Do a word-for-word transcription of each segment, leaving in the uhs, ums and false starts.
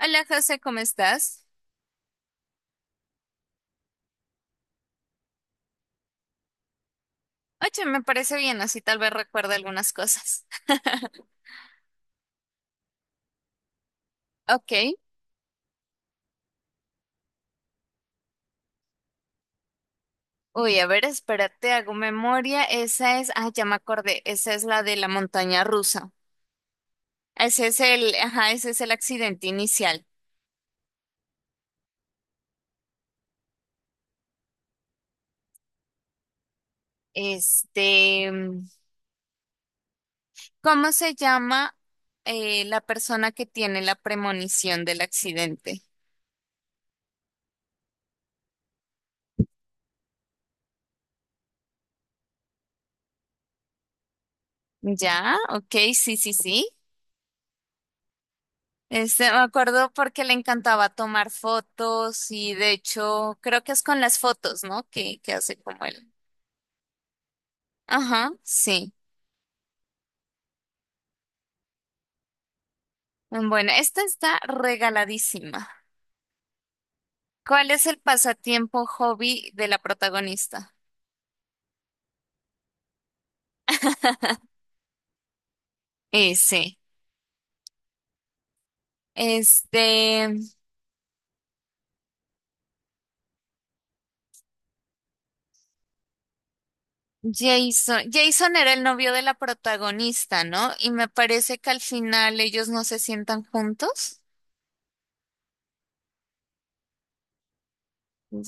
Hola José, ¿cómo estás? Oye, me parece bien, así tal vez recuerde algunas cosas. Ok. Uy, a ver, espérate, hago memoria. Esa es, ah, ya me acordé, esa es la de la montaña rusa. Ese es el, ajá, ese es el accidente inicial. Este, ¿cómo se llama eh, la persona que tiene la premonición del accidente? Ya, ok, sí, sí, sí. Este, me acuerdo porque le encantaba tomar fotos y de hecho creo que es con las fotos, ¿no? Que, que hace como él. Ajá, sí. Bueno, esta está regaladísima. ¿Cuál es el pasatiempo hobby de la protagonista? Ese. Este, Jason. Jason era el novio de la protagonista, ¿no? Y me parece que al final ellos no se sientan juntos.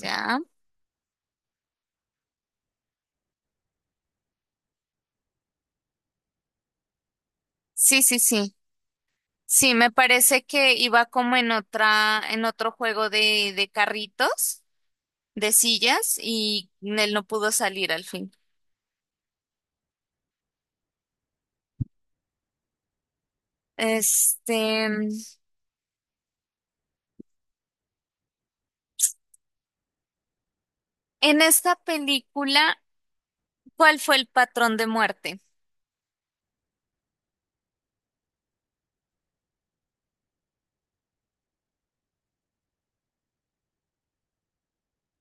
Ya. Sí, sí, sí. Sí, me parece que iba como en otra, en otro juego de, de carritos, de sillas, y él no pudo salir al fin. Este, en esta película, ¿cuál fue el patrón de muerte?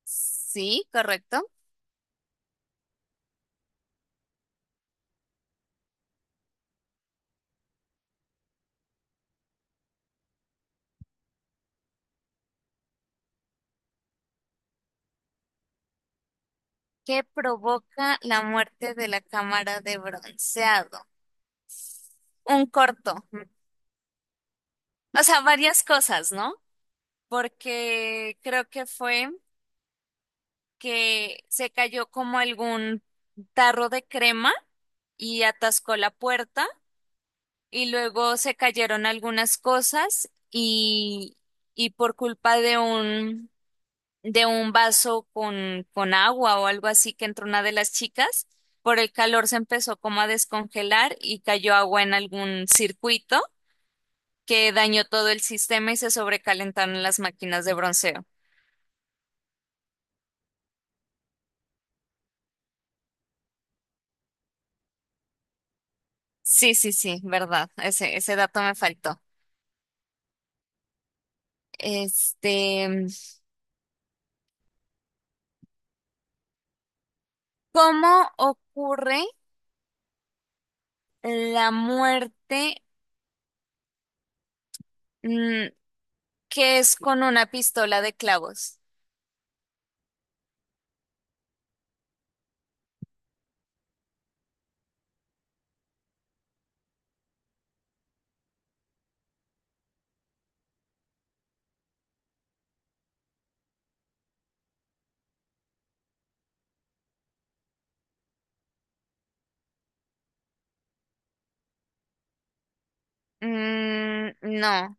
Sí, correcto. ¿Qué provoca la muerte de la cámara de bronceado? Un corto. O sea, varias cosas, ¿no? Porque creo que fue, que se cayó como algún tarro de crema y atascó la puerta y luego se cayeron algunas cosas y, y por culpa de un, de un vaso con, con agua o algo así que entró una de las chicas, por el calor se empezó como a descongelar y cayó agua en algún circuito que dañó todo el sistema y se sobrecalentaron las máquinas de bronceo. Sí, sí, sí, verdad. Ese, ese dato me faltó. Este, ¿cómo ocurre la muerte mm, que es con una pistola de clavos? Mm, no.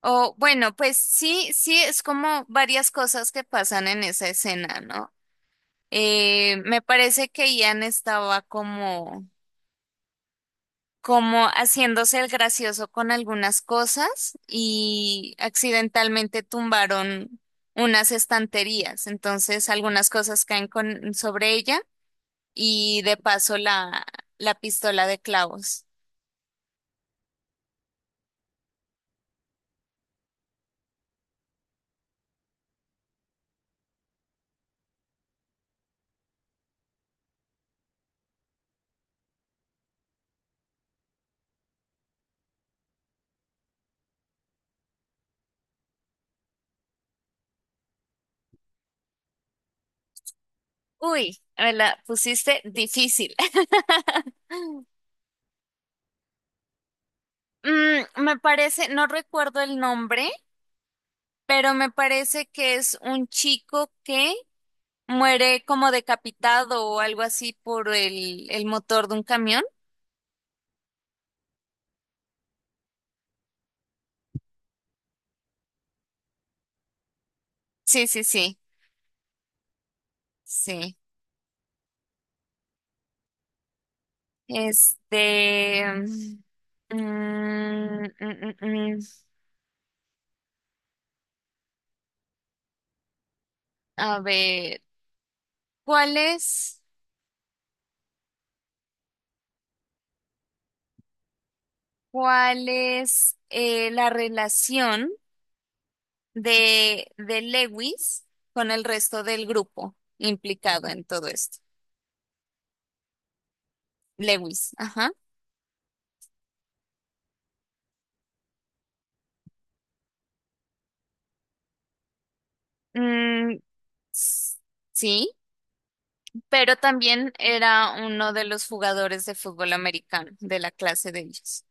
O bueno, pues sí, sí, es como varias cosas que pasan en esa escena, ¿no? Eh, me parece que Ian estaba como como haciéndose el gracioso con algunas cosas y accidentalmente tumbaron unas estanterías. Entonces algunas cosas caen con, sobre ella y de paso la, la pistola de clavos. Uy, me la pusiste difícil. Mm, me parece, no recuerdo el nombre, pero me parece que es un chico que muere como decapitado o algo así por el, el motor de un camión. Sí, sí, sí. Sí. Este, mm, mm, mm, mm. A ver, ¿cuál es, ¿cuál es eh, la relación de, de Lewis con el resto del grupo implicado en todo esto? Lewis, ajá. Mm, s- sí, pero también era uno de los jugadores de fútbol americano de la clase de ellos.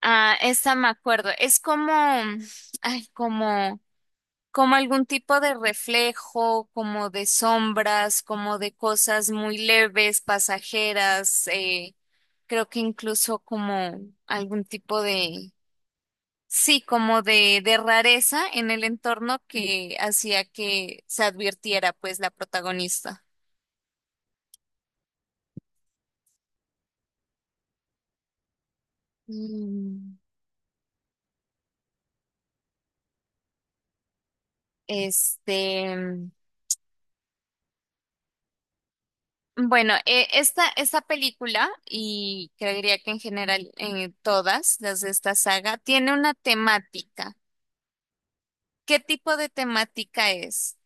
Ah, esta me acuerdo. Es como, ay, como, como algún tipo de reflejo, como de sombras, como de cosas muy leves, pasajeras. Eh, creo que incluso como algún tipo de, sí, como de, de rareza en el entorno que hacía que se advirtiera, pues, la protagonista. Mm, Este. Bueno, eh, esta, esta película, y creería que en general eh, todas las de esta saga, tiene una temática. ¿Qué tipo de temática es?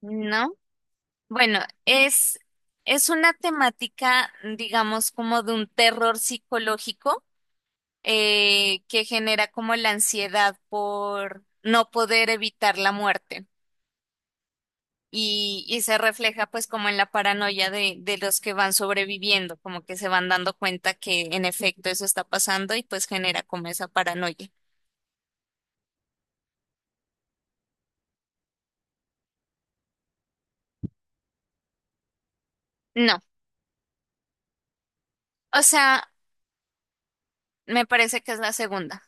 ¿No? Bueno, es, es una temática, digamos, como de un terror psicológico eh, que genera como la ansiedad por no poder evitar la muerte. Y, y se refleja pues como en la paranoia de, de los que van sobreviviendo, como que se van dando cuenta que en efecto eso está pasando y pues genera como esa paranoia. No, o sea, me parece que es la segunda.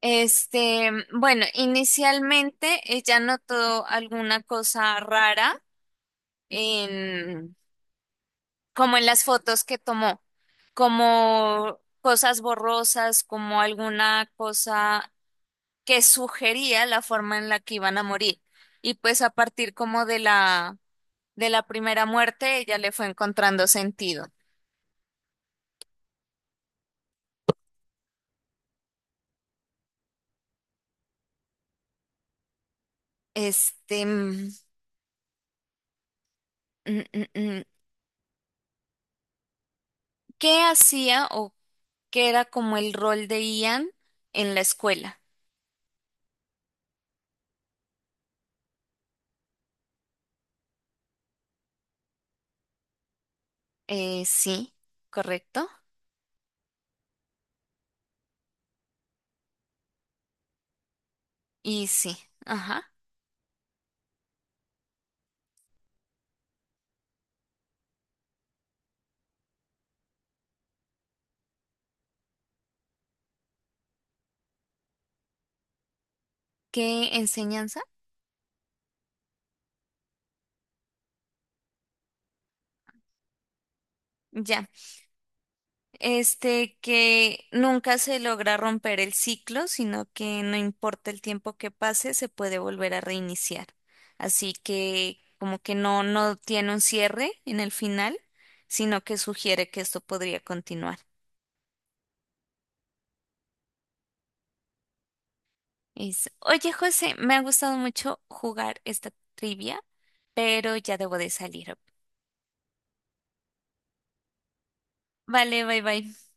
Este, bueno, inicialmente ella notó alguna cosa rara en, como en las fotos que tomó, como cosas borrosas, como alguna cosa que sugería la forma en la que iban a morir. Y pues a partir como de la, de la primera muerte, ella le fue encontrando sentido. Este, mm, mm, mm, mm. ¿Qué hacía o qué era como el rol de Ian en la escuela? Eh, sí, correcto. Y sí, ajá. ¿Qué enseñanza? Ya. Este, que nunca se logra romper el ciclo, sino que no importa el tiempo que pase, se puede volver a reiniciar. Así que como que no, no tiene un cierre en el final, sino que sugiere que esto podría continuar. Es, oye, José, me ha gustado mucho jugar esta trivia, pero ya debo de salir. Vale, bye bye.